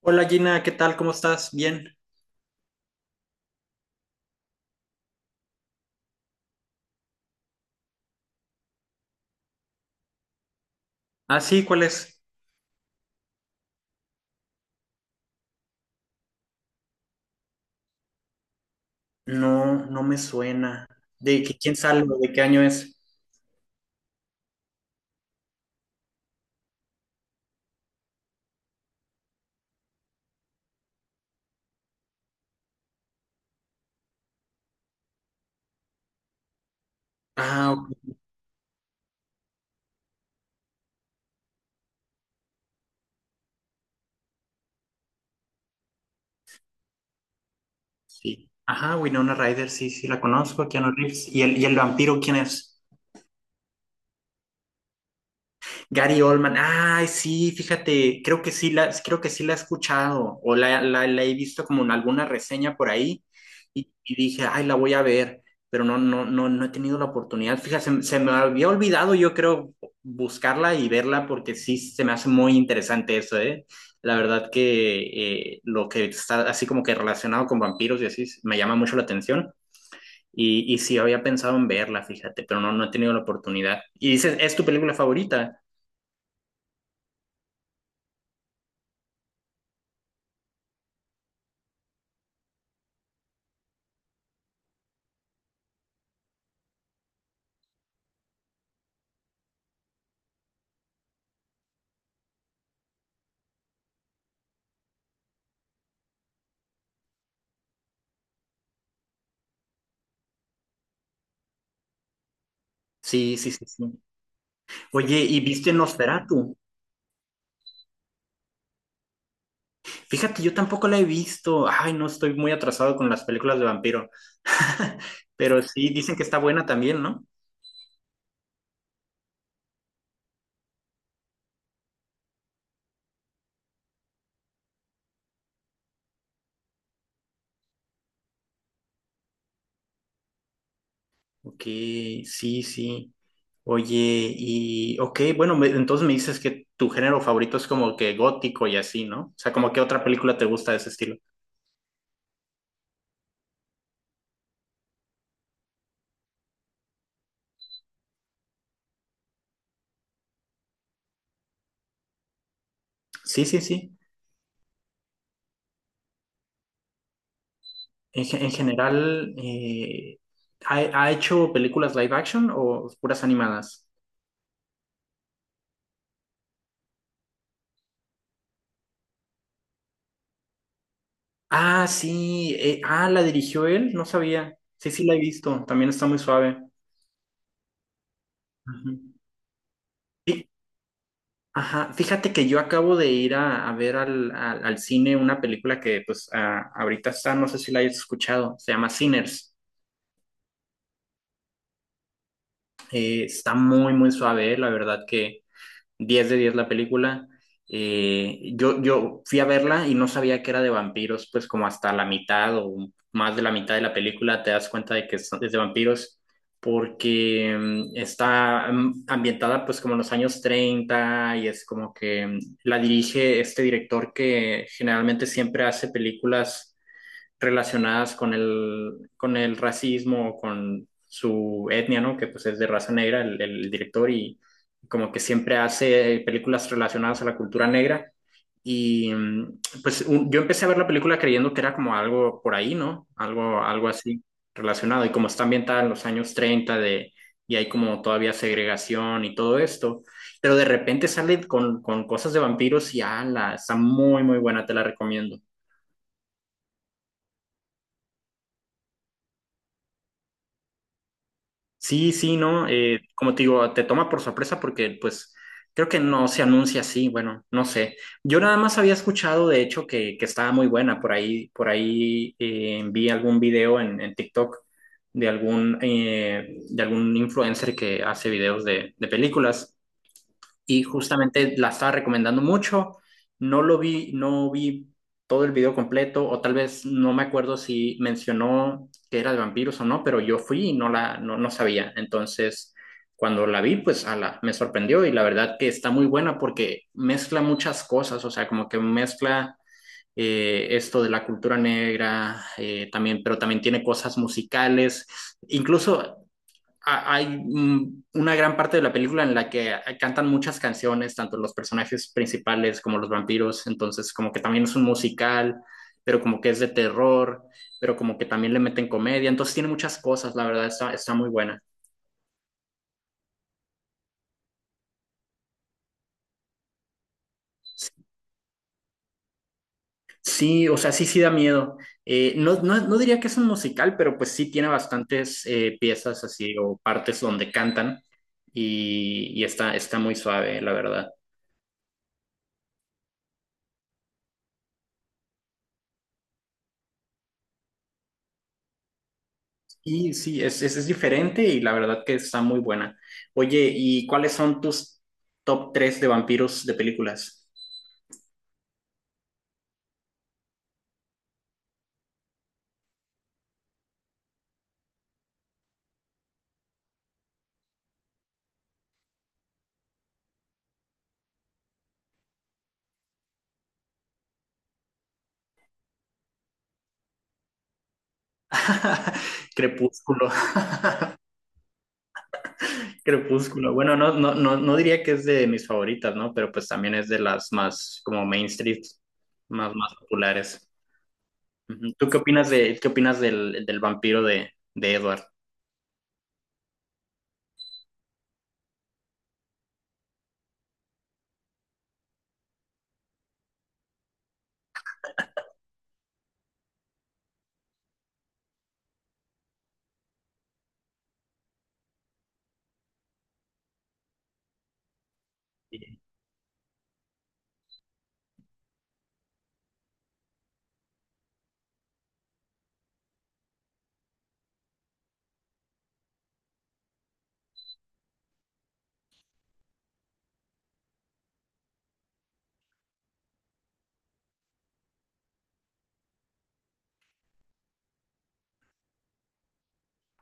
Hola Gina, ¿qué tal? ¿Cómo estás? Bien. Ah, sí, ¿cuál es? No, no me suena. ¿De qué- quién sale? ¿De qué año es? Ah, ok, sí. Ajá, Winona Ryder, sí, sí, la conozco, Keanu Reeves. ¿Y el vampiro quién es? Gary Oldman, ay, sí, fíjate, creo que sí la he escuchado o la he visto como en alguna reseña por ahí y dije, ay, la voy a ver, pero no he tenido la oportunidad. Fíjate, se me había olvidado, yo creo, buscarla y verla porque sí se me hace muy interesante eso, ¿eh? La verdad que lo que está así como que relacionado con vampiros y así me llama mucho la atención. Y sí, había pensado en verla, fíjate, pero no he tenido la oportunidad. Y dices, ¿es tu película favorita? Sí, sí, sí, sí. Oye, ¿y viste Nosferatu? Fíjate, yo tampoco la he visto. Ay, no estoy muy atrasado con las películas de vampiro. Pero sí, dicen que está buena también, ¿no? Ok, sí, sí. Oye, y ok, bueno, entonces me dices que tu género favorito es como que gótico y así, ¿no? O sea, como que otra película te gusta de ese estilo. Sí, sí, sí. En general, ¿ha, ha hecho películas live action o puras animadas? Ah, sí. La dirigió él, no sabía. Sí, sí, la he visto. También está muy suave. Ujú. Sí, ajá. Fíjate que yo acabo de ir a ver al cine una película que, pues, ah, ahorita está, no sé si la hayas escuchado. Se llama Sinners. Está muy suave, la verdad que. 10 de 10 la película. Yo fui a verla y no sabía que era de vampiros, pues como hasta la mitad o más de la mitad de la película te das cuenta de que es de vampiros, porque está ambientada pues como en los años 30 y es como que la dirige este director que generalmente siempre hace películas relacionadas con con el racismo, con su etnia, ¿no? Que pues es de raza negra, el director, y como que siempre hace películas relacionadas a la cultura negra. Y pues yo empecé a ver la película creyendo que era como algo por ahí, ¿no? Algo así relacionado. Y como está ambientada en los años 30 de, y hay como todavía segregación y todo esto, pero de repente sale con cosas de vampiros y ala, está muy buena, te la recomiendo. Sí, sí, ¿no? Como te digo, te toma por sorpresa porque pues creo que no se anuncia así, bueno, no sé. Yo nada más había escuchado, de hecho, que estaba muy buena. Por ahí vi algún video en TikTok de algún influencer que hace videos de películas y justamente la estaba recomendando mucho. No vi todo el video completo, o tal vez no me acuerdo si mencionó que era de vampiros o no, pero yo fui y no sabía. Entonces, cuando la vi, pues ala, me sorprendió y la verdad que está muy buena porque mezcla muchas cosas, o sea, como que mezcla esto de la cultura negra, también, pero también tiene cosas musicales. Incluso hay una gran parte de la película en la que cantan muchas canciones, tanto los personajes principales como los vampiros, entonces como que también es un musical, pero como que es de terror, pero como que también le meten comedia, entonces tiene muchas cosas, la verdad, está muy buena. Sí, o sea, sí, sí da miedo. No diría que es un musical, pero pues sí tiene bastantes piezas así o partes donde cantan y está muy suave, la verdad. Y sí, es diferente y la verdad que está muy buena. Oye, ¿y cuáles son tus top 3 de vampiros de películas? Crepúsculo, Crepúsculo. Bueno, no diría que es de mis favoritas, ¿no? Pero pues también es de las más como mainstream, más populares. Ujú. ¿Tú qué opinas qué opinas del vampiro de Edward?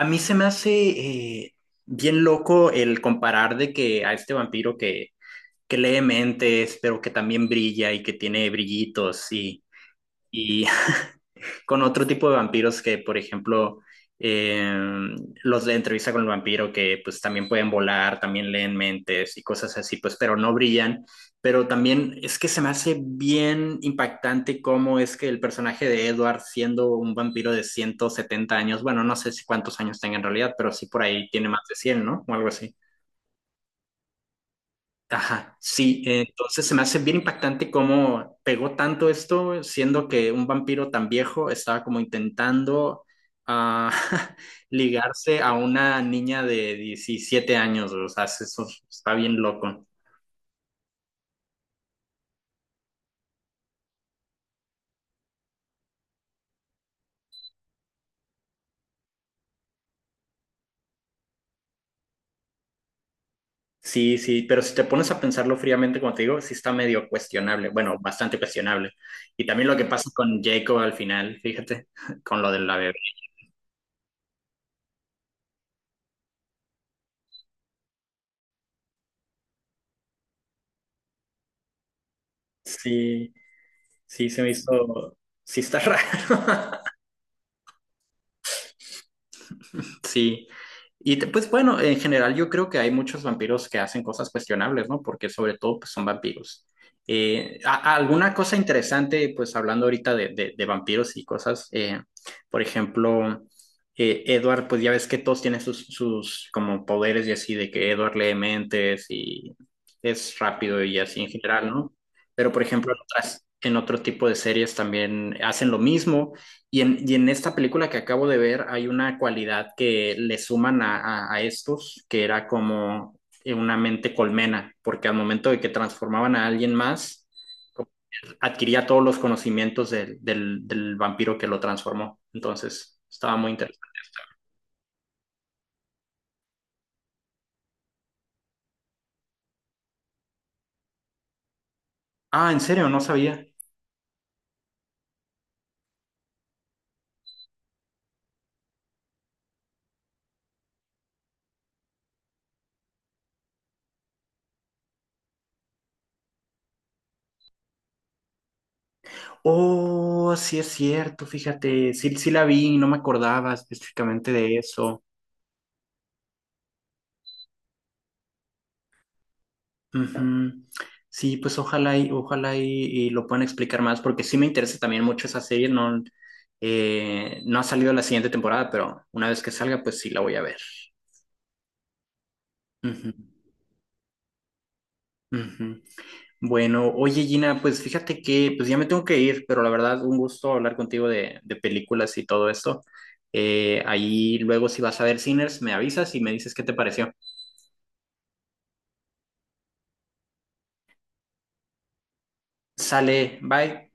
A mí se me hace eh, bien loco el comparar de que a este vampiro que lee mentes, pero que también brilla y que tiene brillitos y con otro tipo de vampiros que, por ejemplo, eh, los de entrevista con el vampiro que pues también pueden volar, también leen mentes y cosas así, pues pero no brillan, pero también es que se me hace bien impactante cómo es que el personaje de Edward siendo un vampiro de 170 años, bueno, no sé si cuántos años tenga en realidad, pero sí por ahí tiene más de 100, ¿no? O algo así. Ajá, sí, entonces se me hace bien impactante cómo pegó tanto esto, siendo que un vampiro tan viejo estaba como intentando ah, ligarse a una niña de 17 años, o sea, eso está bien loco. Sí, sí, pero si te pones a pensarlo fríamente, como te digo, sí está medio cuestionable, bueno, bastante cuestionable. Y también lo que pasa con Jacob al final, fíjate, con lo de la bebé. Sí, sí, se me hizo, sí está raro. Sí. Y pues bueno, en general yo creo que hay muchos vampiros que hacen cosas cuestionables, ¿no? Porque sobre todo pues, son vampiros. Alguna cosa interesante, pues hablando ahorita de vampiros y cosas, por ejemplo, Edward, pues ya ves que todos tienen sus como poderes y así, de que Edward lee mentes y es rápido y así en general, ¿no? Pero por ejemplo, en otro tipo de series también hacen lo mismo y en esta película que acabo de ver hay una cualidad que le suman a, a estos, que era como una mente colmena, porque al momento de que transformaban a alguien más, adquiría todos los conocimientos del vampiro que lo transformó. Entonces, estaba muy interesante. Ah, ¿en serio? No sabía. Oh, sí es cierto, fíjate, sí, sí la vi, no me acordaba específicamente de eso. Ujú. Sí, pues ojalá y ojalá y lo puedan explicar más, porque sí me interesa también mucho esa serie. No, no ha salido la siguiente temporada, pero una vez que salga, pues sí la voy a ver. Ujú, ujú. Bueno, oye Gina, pues fíjate que pues ya me tengo que ir, pero la verdad un gusto hablar contigo de películas y todo esto. Ahí luego si vas a ver Sinners, me avisas y me dices qué te pareció. Sale, bye.